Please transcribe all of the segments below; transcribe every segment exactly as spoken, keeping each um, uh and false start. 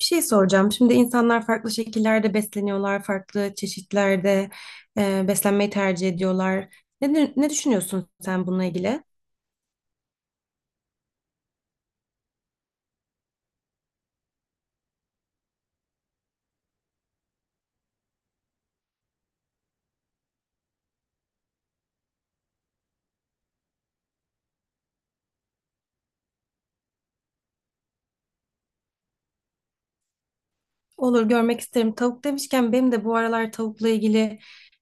Bir şey soracağım. Şimdi insanlar farklı şekillerde besleniyorlar, farklı çeşitlerde e, beslenmeyi tercih ediyorlar. Ne, ne düşünüyorsun sen bununla ilgili? Olur, görmek isterim. Tavuk demişken benim de bu aralar tavukla ilgili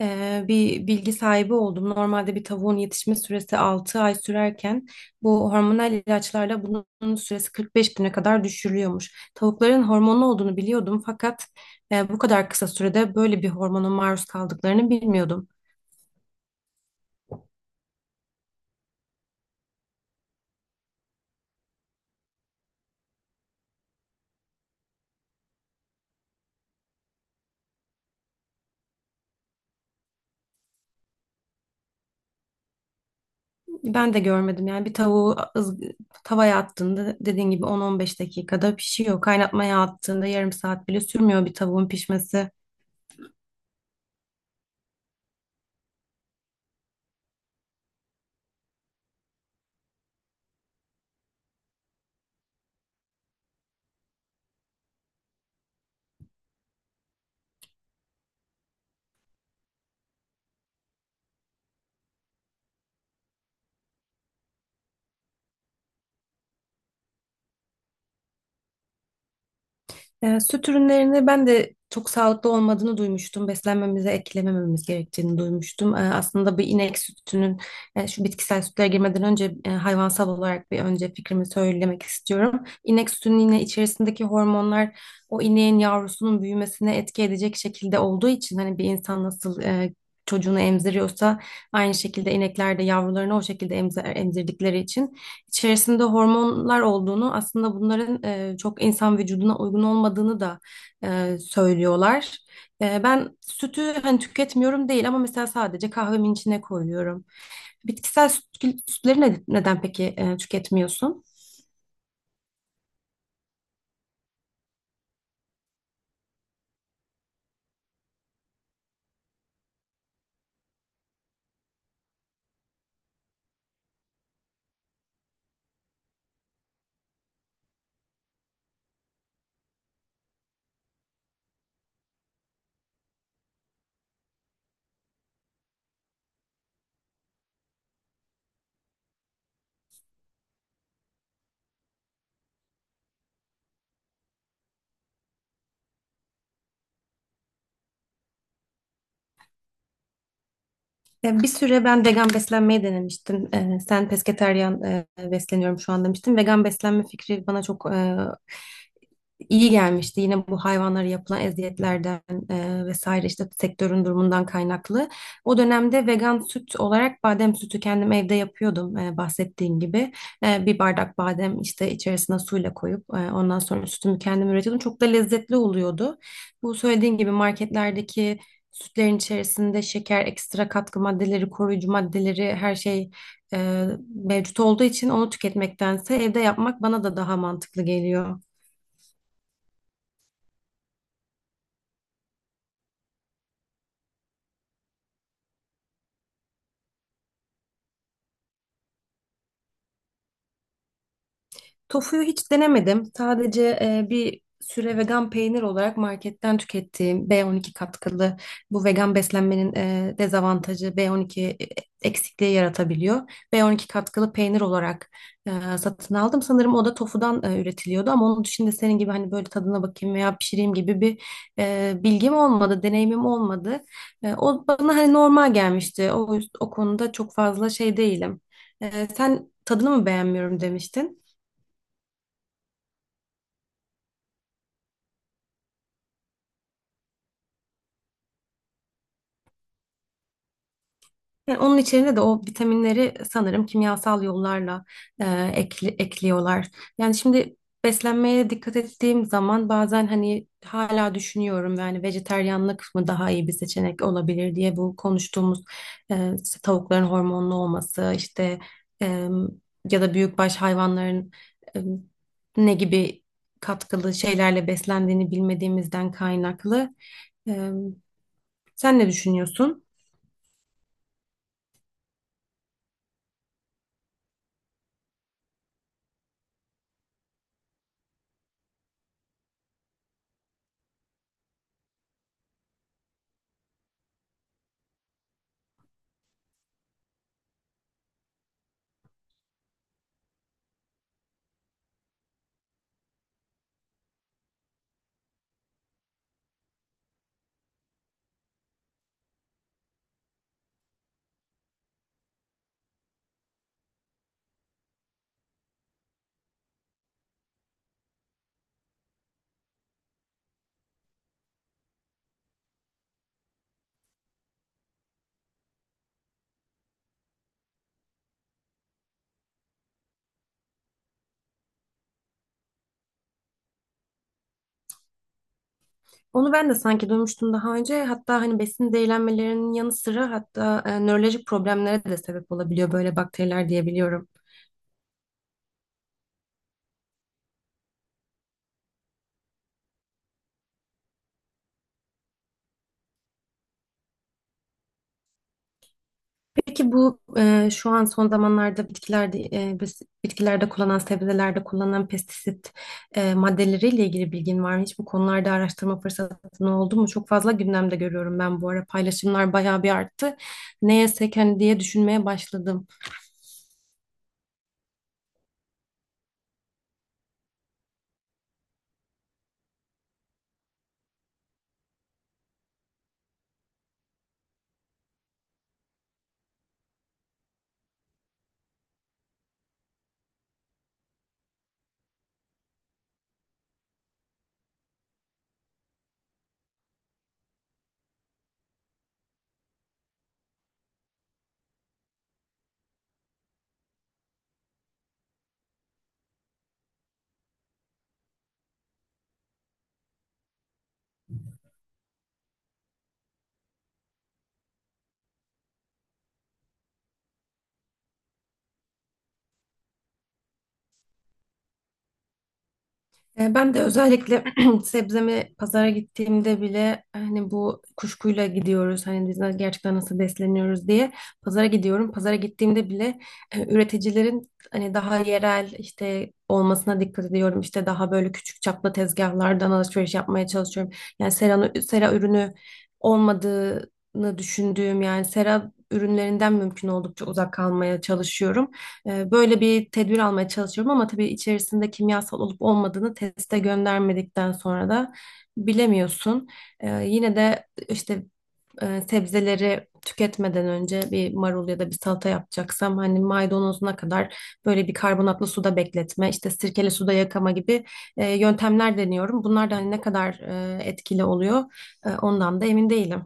e, bir bilgi sahibi oldum. Normalde bir tavuğun yetişme süresi altı ay sürerken bu hormonal ilaçlarla bunun süresi kırk beş güne kadar düşürülüyormuş. Tavukların hormonlu olduğunu biliyordum fakat e, bu kadar kısa sürede böyle bir hormona maruz kaldıklarını bilmiyordum. Ben de görmedim yani bir tavuğu ız- tavaya attığında dediğin gibi on on beş dakikada pişiyor. Kaynatmaya attığında yarım saat bile sürmüyor bir tavuğun pişmesi. Ee, süt ürünlerini ben de çok sağlıklı olmadığını duymuştum. Beslenmemize eklemememiz gerektiğini duymuştum. Ee, aslında bir inek sütünün e, şu bitkisel sütlere girmeden önce e, hayvansal olarak bir önce fikrimi söylemek istiyorum. İnek sütünün yine içerisindeki hormonlar o ineğin yavrusunun büyümesine etki edecek şekilde olduğu için hani bir insan nasıl e, çocuğunu emziriyorsa aynı şekilde inekler de yavrularını o şekilde emzer, emzirdikleri için içerisinde hormonlar olduğunu aslında bunların e, çok insan vücuduna uygun olmadığını da e, söylüyorlar. E, ben sütü hani tüketmiyorum değil ama mesela sadece kahvemin içine koyuyorum. Bitkisel süt, sütleri ne- neden peki e, tüketmiyorsun? Ya bir süre ben vegan beslenmeyi denemiştim. Ee, sen pesketeryan e, besleniyorum şu an demiştin. Vegan beslenme fikri bana çok e, iyi gelmişti yine bu hayvanlara yapılan eziyetlerden e, vesaire işte sektörün durumundan kaynaklı. O dönemde vegan süt olarak badem sütü kendim evde yapıyordum e, bahsettiğim gibi. E, bir bardak badem işte içerisine suyla koyup e, ondan sonra sütümü kendim üretiyordum. Çok da lezzetli oluyordu. Bu söylediğim gibi marketlerdeki sütlerin içerisinde şeker, ekstra katkı maddeleri, koruyucu maddeleri her şey e, mevcut olduğu için onu tüketmektense evde yapmak bana da daha mantıklı geliyor. Tofuyu hiç denemedim. Sadece e, bir süre vegan peynir olarak marketten tükettiğim B on iki katkılı bu vegan beslenmenin e, dezavantajı B on iki eksikliği yaratabiliyor. B on iki katkılı peynir olarak e, satın aldım. Sanırım o da tofudan e, üretiliyordu ama onun dışında senin gibi hani böyle tadına bakayım veya pişireyim gibi bir e, bilgim olmadı, deneyimim olmadı. E, o bana hani normal gelmişti. O, o konuda çok fazla şey değilim. E, sen tadını mı beğenmiyorum demiştin? Yani onun içerine de o vitaminleri sanırım kimyasal yollarla e, ekli- ekliyorlar. Yani şimdi beslenmeye dikkat ettiğim zaman bazen hani hala düşünüyorum yani vejeteryanlık mı daha iyi bir seçenek olabilir diye bu konuştuğumuz e, işte tavukların hormonlu olması işte e, ya da büyükbaş hayvanların e, ne gibi katkılı şeylerle beslendiğini bilmediğimizden kaynaklı. E, Sen ne düşünüyorsun? Onu ben de sanki duymuştum daha önce. Hatta hani besin zehirlenmelerinin yanı sıra hatta e, nörolojik problemlere de sebep olabiliyor böyle bakteriler diyebiliyorum. Peki bu e, şu an son zamanlarda bitkilerde e, biz- bitkilerde kullanılan sebzelerde kullanılan pestisit e, maddeleriyle ilgili bilgin var mı? Hiç bu konularda araştırma fırsatın oldu mu? Çok fazla gündemde görüyorum ben bu ara paylaşımlar bayağı bir arttı. Ne yesek hani diye düşünmeye başladım. E, Ben de özellikle sebzemi pazara gittiğimde bile hani bu kuşkuyla gidiyoruz hani biz na- gerçekten nasıl besleniyoruz diye pazara gidiyorum. Pazara gittiğimde bile e, üreticilerin hani daha yerel işte olmasına dikkat ediyorum. İşte daha böyle küçük çaplı tezgahlardan alışveriş yapmaya çalışıyorum. Yani sera, sera ürünü olmadığını düşündüğüm yani sera ürünlerinden mümkün oldukça uzak kalmaya çalışıyorum. E, Böyle bir tedbir almaya çalışıyorum ama tabii içerisinde kimyasal olup olmadığını teste göndermedikten sonra da bilemiyorsun. E, Yine de işte e, sebzeleri tüketmeden önce bir marul ya da bir salata yapacaksam hani maydanozuna kadar böyle bir karbonatlı suda bekletme, işte sirkeli suda yakama gibi e, yöntemler deniyorum. Bunlar da hani ne kadar e, etkili oluyor e, ondan da emin değilim.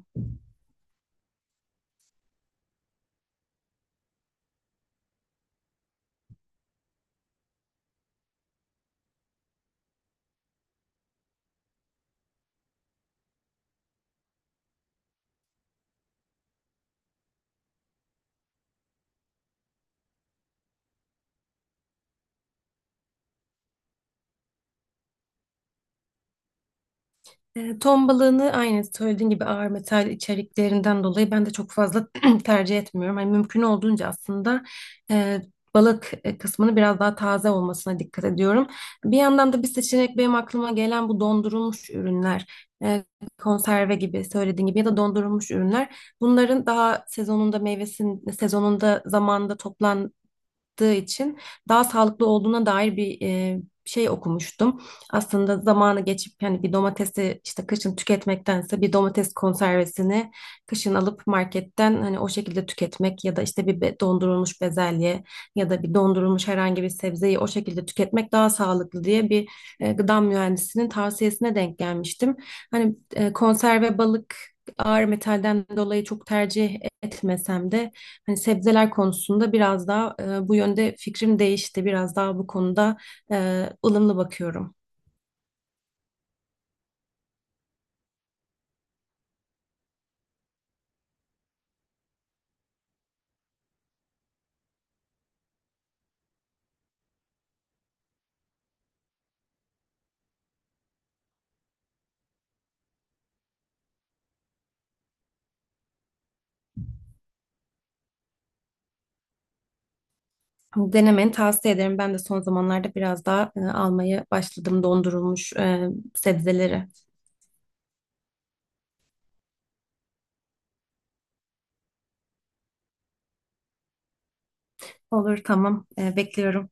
E, Ton balığını aynı söylediğin gibi ağır metal içeriklerinden dolayı ben de çok fazla tercih etmiyorum. Hani mümkün olduğunca aslında e, balık e, kısmını biraz daha taze olmasına dikkat ediyorum. Bir yandan da bir seçenek benim aklıma gelen bu dondurulmuş ürünler. E, Konserve gibi söylediğin gibi ya da dondurulmuş ürünler. Bunların daha sezonunda meyvesinin sezonunda zamanında çıktığı için daha sağlıklı olduğuna dair bir e, şey okumuştum. Aslında zamanı geçip yani bir domatesi işte kışın tüketmektense bir domates konservesini kışın alıp marketten hani o şekilde tüketmek ya da işte bir be- dondurulmuş bezelye ya da bir dondurulmuş herhangi bir sebzeyi o şekilde tüketmek daha sağlıklı diye bir e, gıda mühendisinin tavsiyesine denk gelmiştim. Hani e, konserve balık ağır metalden dolayı çok tercih etmesem de hani sebzeler konusunda biraz daha e, bu yönde fikrim değişti. Biraz daha bu konuda e, ılımlı bakıyorum. Denemeni tavsiye ederim. Ben de son zamanlarda biraz daha e, almaya başladım dondurulmuş e, sebzeleri. Olur, tamam. E, bekliyorum.